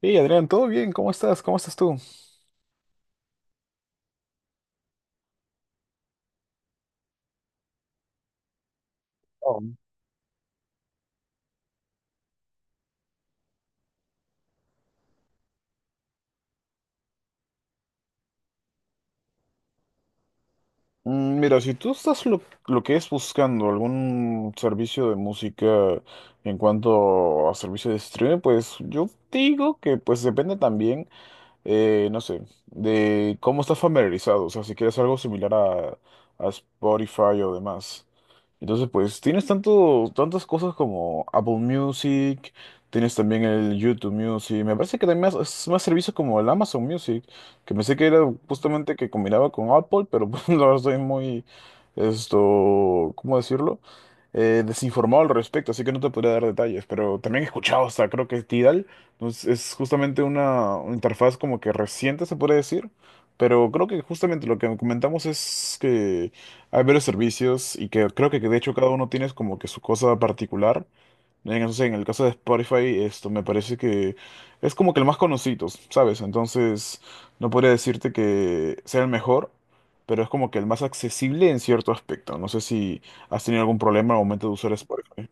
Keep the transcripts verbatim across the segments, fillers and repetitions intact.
Hey Adrián, ¿todo bien? ¿Cómo estás? ¿Cómo estás tú? Oh. Mm, Mira, si tú estás lo, lo que es buscando algún servicio de música en cuanto a servicio de streaming, pues yo digo que pues depende también eh, no sé, de cómo estás familiarizado, o sea, si quieres algo similar a, a Spotify o demás. Entonces, pues tienes tanto, tantas cosas como Apple Music, tienes también el YouTube Music, me parece que también más, es más servicios como el Amazon Music, que pensé que era justamente que combinaba con Apple, pero pues, la verdad estoy muy, esto, ¿cómo decirlo? Eh, desinformado al respecto, así que no te podría dar detalles, pero también he escuchado hasta creo que Tidal. Entonces, es justamente una, una interfaz como que reciente, se puede decir, pero creo que justamente lo que comentamos es que hay varios servicios y que creo que, que de hecho cada uno tiene como que su cosa particular. Entonces, en el caso de Spotify, esto me parece que es como que el más conocido, ¿sabes? Entonces, no podría decirte que sea el mejor, pero es como que el más accesible en cierto aspecto. No sé si has tenido algún problema al momento de usar Spotify.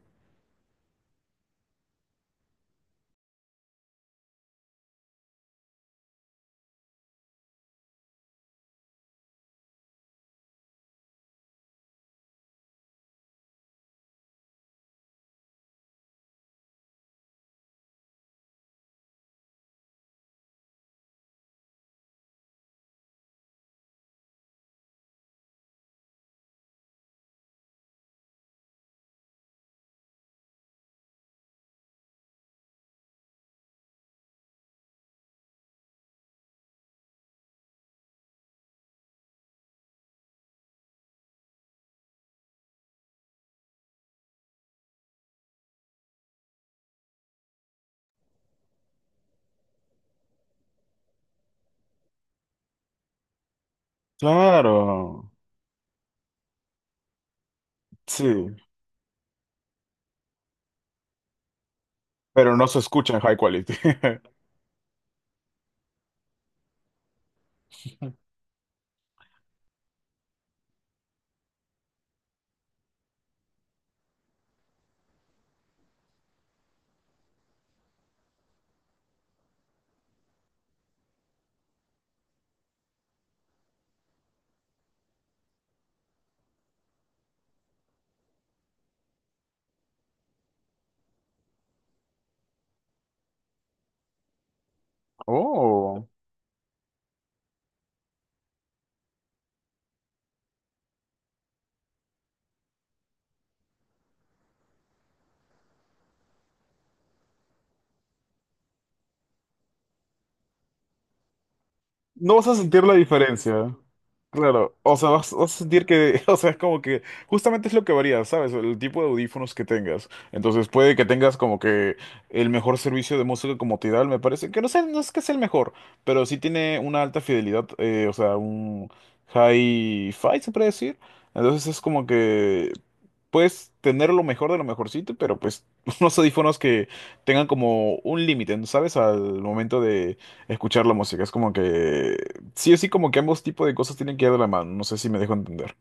Claro, sí. Pero no se escucha en high quality. Oh. No vas a sentir la diferencia. Claro, o sea, vas, vas a sentir que, o sea, es como que justamente es lo que varía, ¿sabes? El tipo de audífonos que tengas. Entonces puede que tengas como que el mejor servicio de música como Tidal, me parece, que no sé, no es que sea el mejor, pero sí tiene una alta fidelidad, eh, o sea, un hi-fi, se puede decir. Entonces es como que puedes tener lo mejor de lo mejorcito, pero pues unos audífonos que tengan como un límite, ¿no? ¿Sabes? Al momento de escuchar la música. Es como que sí o sí como que ambos tipos de cosas tienen que ir de la mano, no sé si me dejo entender.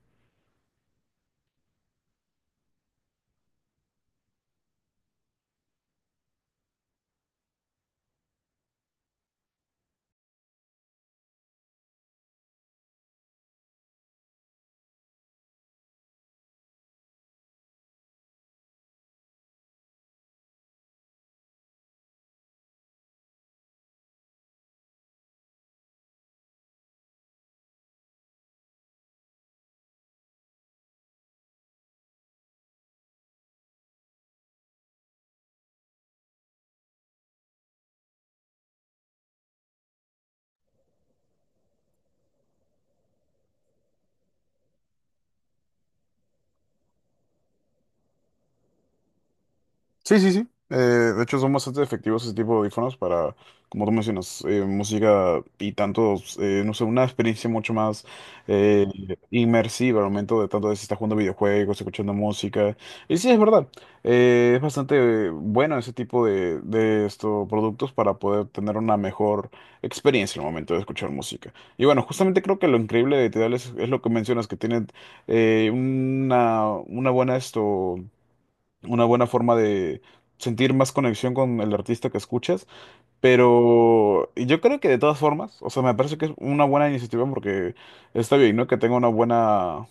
Sí, sí, sí. Eh, de hecho, son bastante efectivos ese tipo de audífonos para, como tú mencionas, eh, música y tanto, eh, no sé, una experiencia mucho más eh, inmersiva al momento de tanto de si estás jugando videojuegos, escuchando música. Y sí, es verdad. Eh, es bastante bueno ese tipo de, de estos productos para poder tener una mejor experiencia al momento de escuchar música. Y bueno, justamente creo que lo increíble de Tidal es, es lo que mencionas, que tienen eh, una, una buena esto una buena forma de sentir más conexión con el artista que escuchas. Pero yo creo que de todas formas, o sea, me parece que es una buena iniciativa porque está bien, ¿no? Que tenga una buena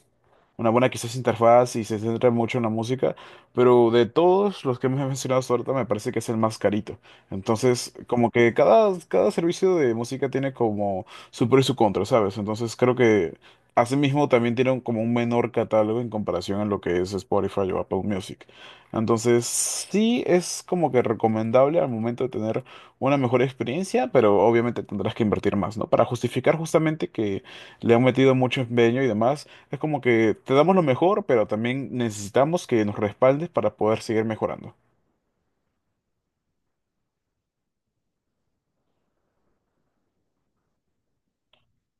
una buena quizás interfaz y se centra mucho en la música, pero de todos los que me has mencionado hasta ahorita me parece que es el más carito. Entonces, como que cada, cada servicio de música tiene como su pro y su contra, ¿sabes? Entonces creo que asimismo también tiene un- como un menor catálogo en comparación a lo que es Spotify o Apple Music. Entonces, sí es como que recomendable al momento de tener una mejor experiencia, pero obviamente tendrás que invertir más, ¿no? Para justificar justamente que le han metido mucho empeño y demás. Es como que te damos lo mejor, pero también necesitamos que nos respaldes para poder seguir mejorando.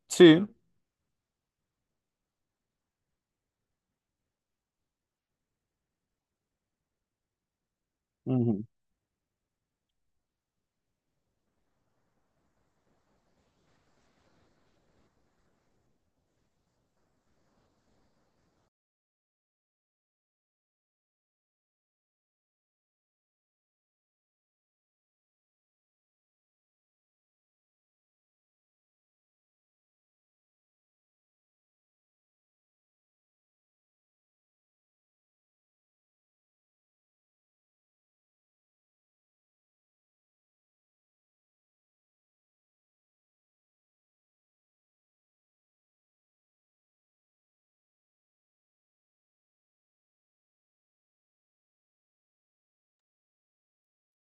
Sí, ujú.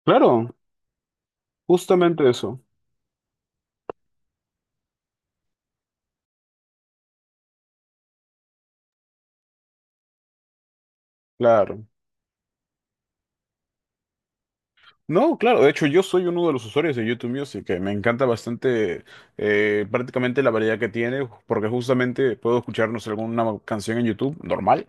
Claro, justamente eso, claro. No, claro, de hecho yo soy uno de los usuarios de YouTube Music, que me encanta bastante eh, prácticamente la variedad que tiene, porque justamente puedo escucharnos alguna canción en YouTube normal,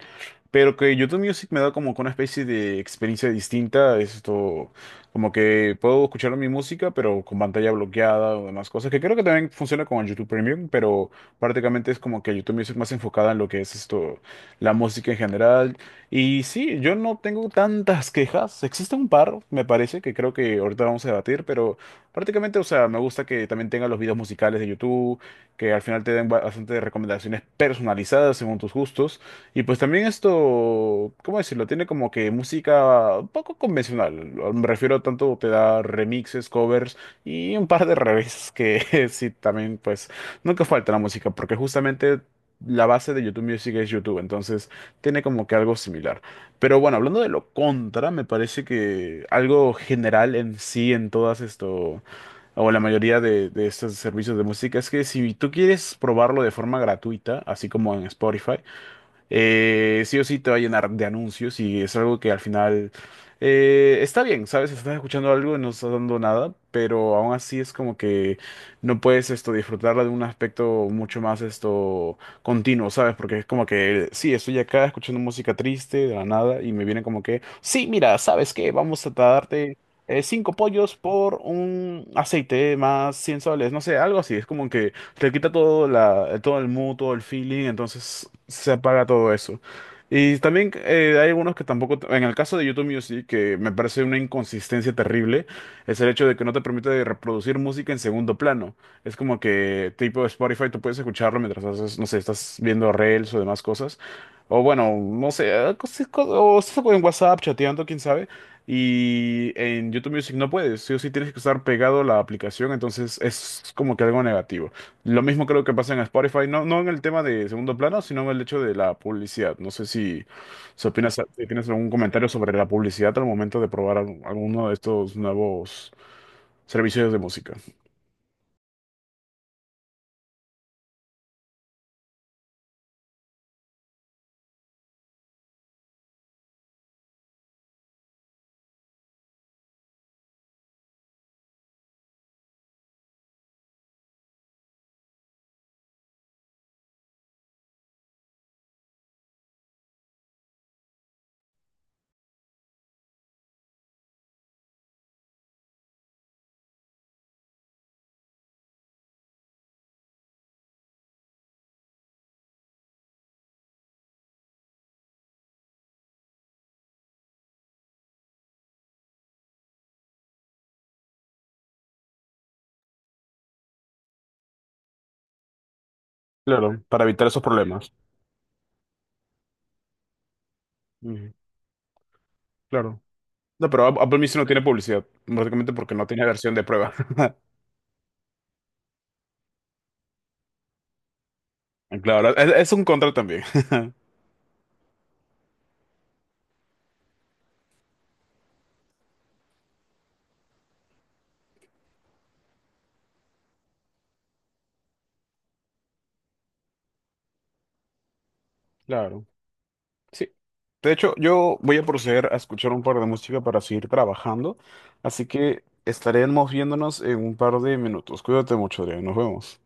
pero que YouTube Music me da como que una especie de experiencia distinta, esto como que puedo escuchar mi música, pero con pantalla bloqueada o demás cosas, que creo que también funciona con el YouTube Premium, pero prácticamente es como que YouTube Music más enfocada en lo que es esto, la música en general. Y sí, yo no tengo tantas quejas. Existe un par, me parece, que creo que ahorita vamos a debatir, pero prácticamente, o sea, me gusta que también tenga los videos musicales de YouTube, que al final te den ba- bastante recomendaciones personalizadas según tus gustos. Y pues también esto, ¿cómo decirlo? Tiene como que música un poco convencional. Me refiero tanto te da remixes, covers y un par de revés que sí, también pues nunca falta la música, porque justamente la base de YouTube Music es YouTube, entonces tiene como que algo similar. Pero bueno, hablando de lo contra, me parece que algo general en sí, en todas esto, o la mayoría de, de estos servicios de música, es que si tú quieres probarlo de forma gratuita, así como en Spotify, eh, sí o sí te va a llenar de anuncios y es algo que al final eh, está bien, ¿sabes? Si estás escuchando algo y no estás dando nada, pero aún así es como que no puedes esto disfrutarla de un aspecto mucho más esto continuo, ¿sabes? Porque es como que sí, estoy acá escuchando música triste de la nada y me viene como que, sí, mira, ¿sabes qué? Vamos a darte eh, cinco pollos por un aceite más cien soles, no sé, algo así, es como que te quita todo, la, todo el mood, todo el feeling, entonces se apaga todo eso. Y también eh, hay algunos que tampoco, en el caso de YouTube Music, que me parece una inconsistencia terrible, es el hecho de que no te permite reproducir música en segundo plano. Es como que tipo Spotify, tú puedes escucharlo mientras haces, no sé, estás viendo reels o demás cosas. O bueno, no sé, eh, cosas- cosas- o estás en WhatsApp chateando, quién sabe. Y en YouTube Music no puedes, sí o sí tienes que estar pegado a la aplicación, entonces es como que algo negativo. Lo mismo creo que pasa en Spotify, no, no en el tema de segundo plano, sino en el hecho de la publicidad. No sé si, si opinas, si tienes algún comentario sobre la publicidad al momento de probar al- alguno de estos nuevos servicios de música. Claro, para evitar esos problemas. Ujú, claro. No, pero App- Apple Music no tiene publicidad, básicamente porque no tiene versión de prueba. Claro, es, es un contra también. Claro. Sí. De hecho, yo voy a proceder a escuchar un par de música para seguir trabajando, así que estaremos viéndonos en un par de minutos. Cuídate mucho, Adrián. Nos vemos.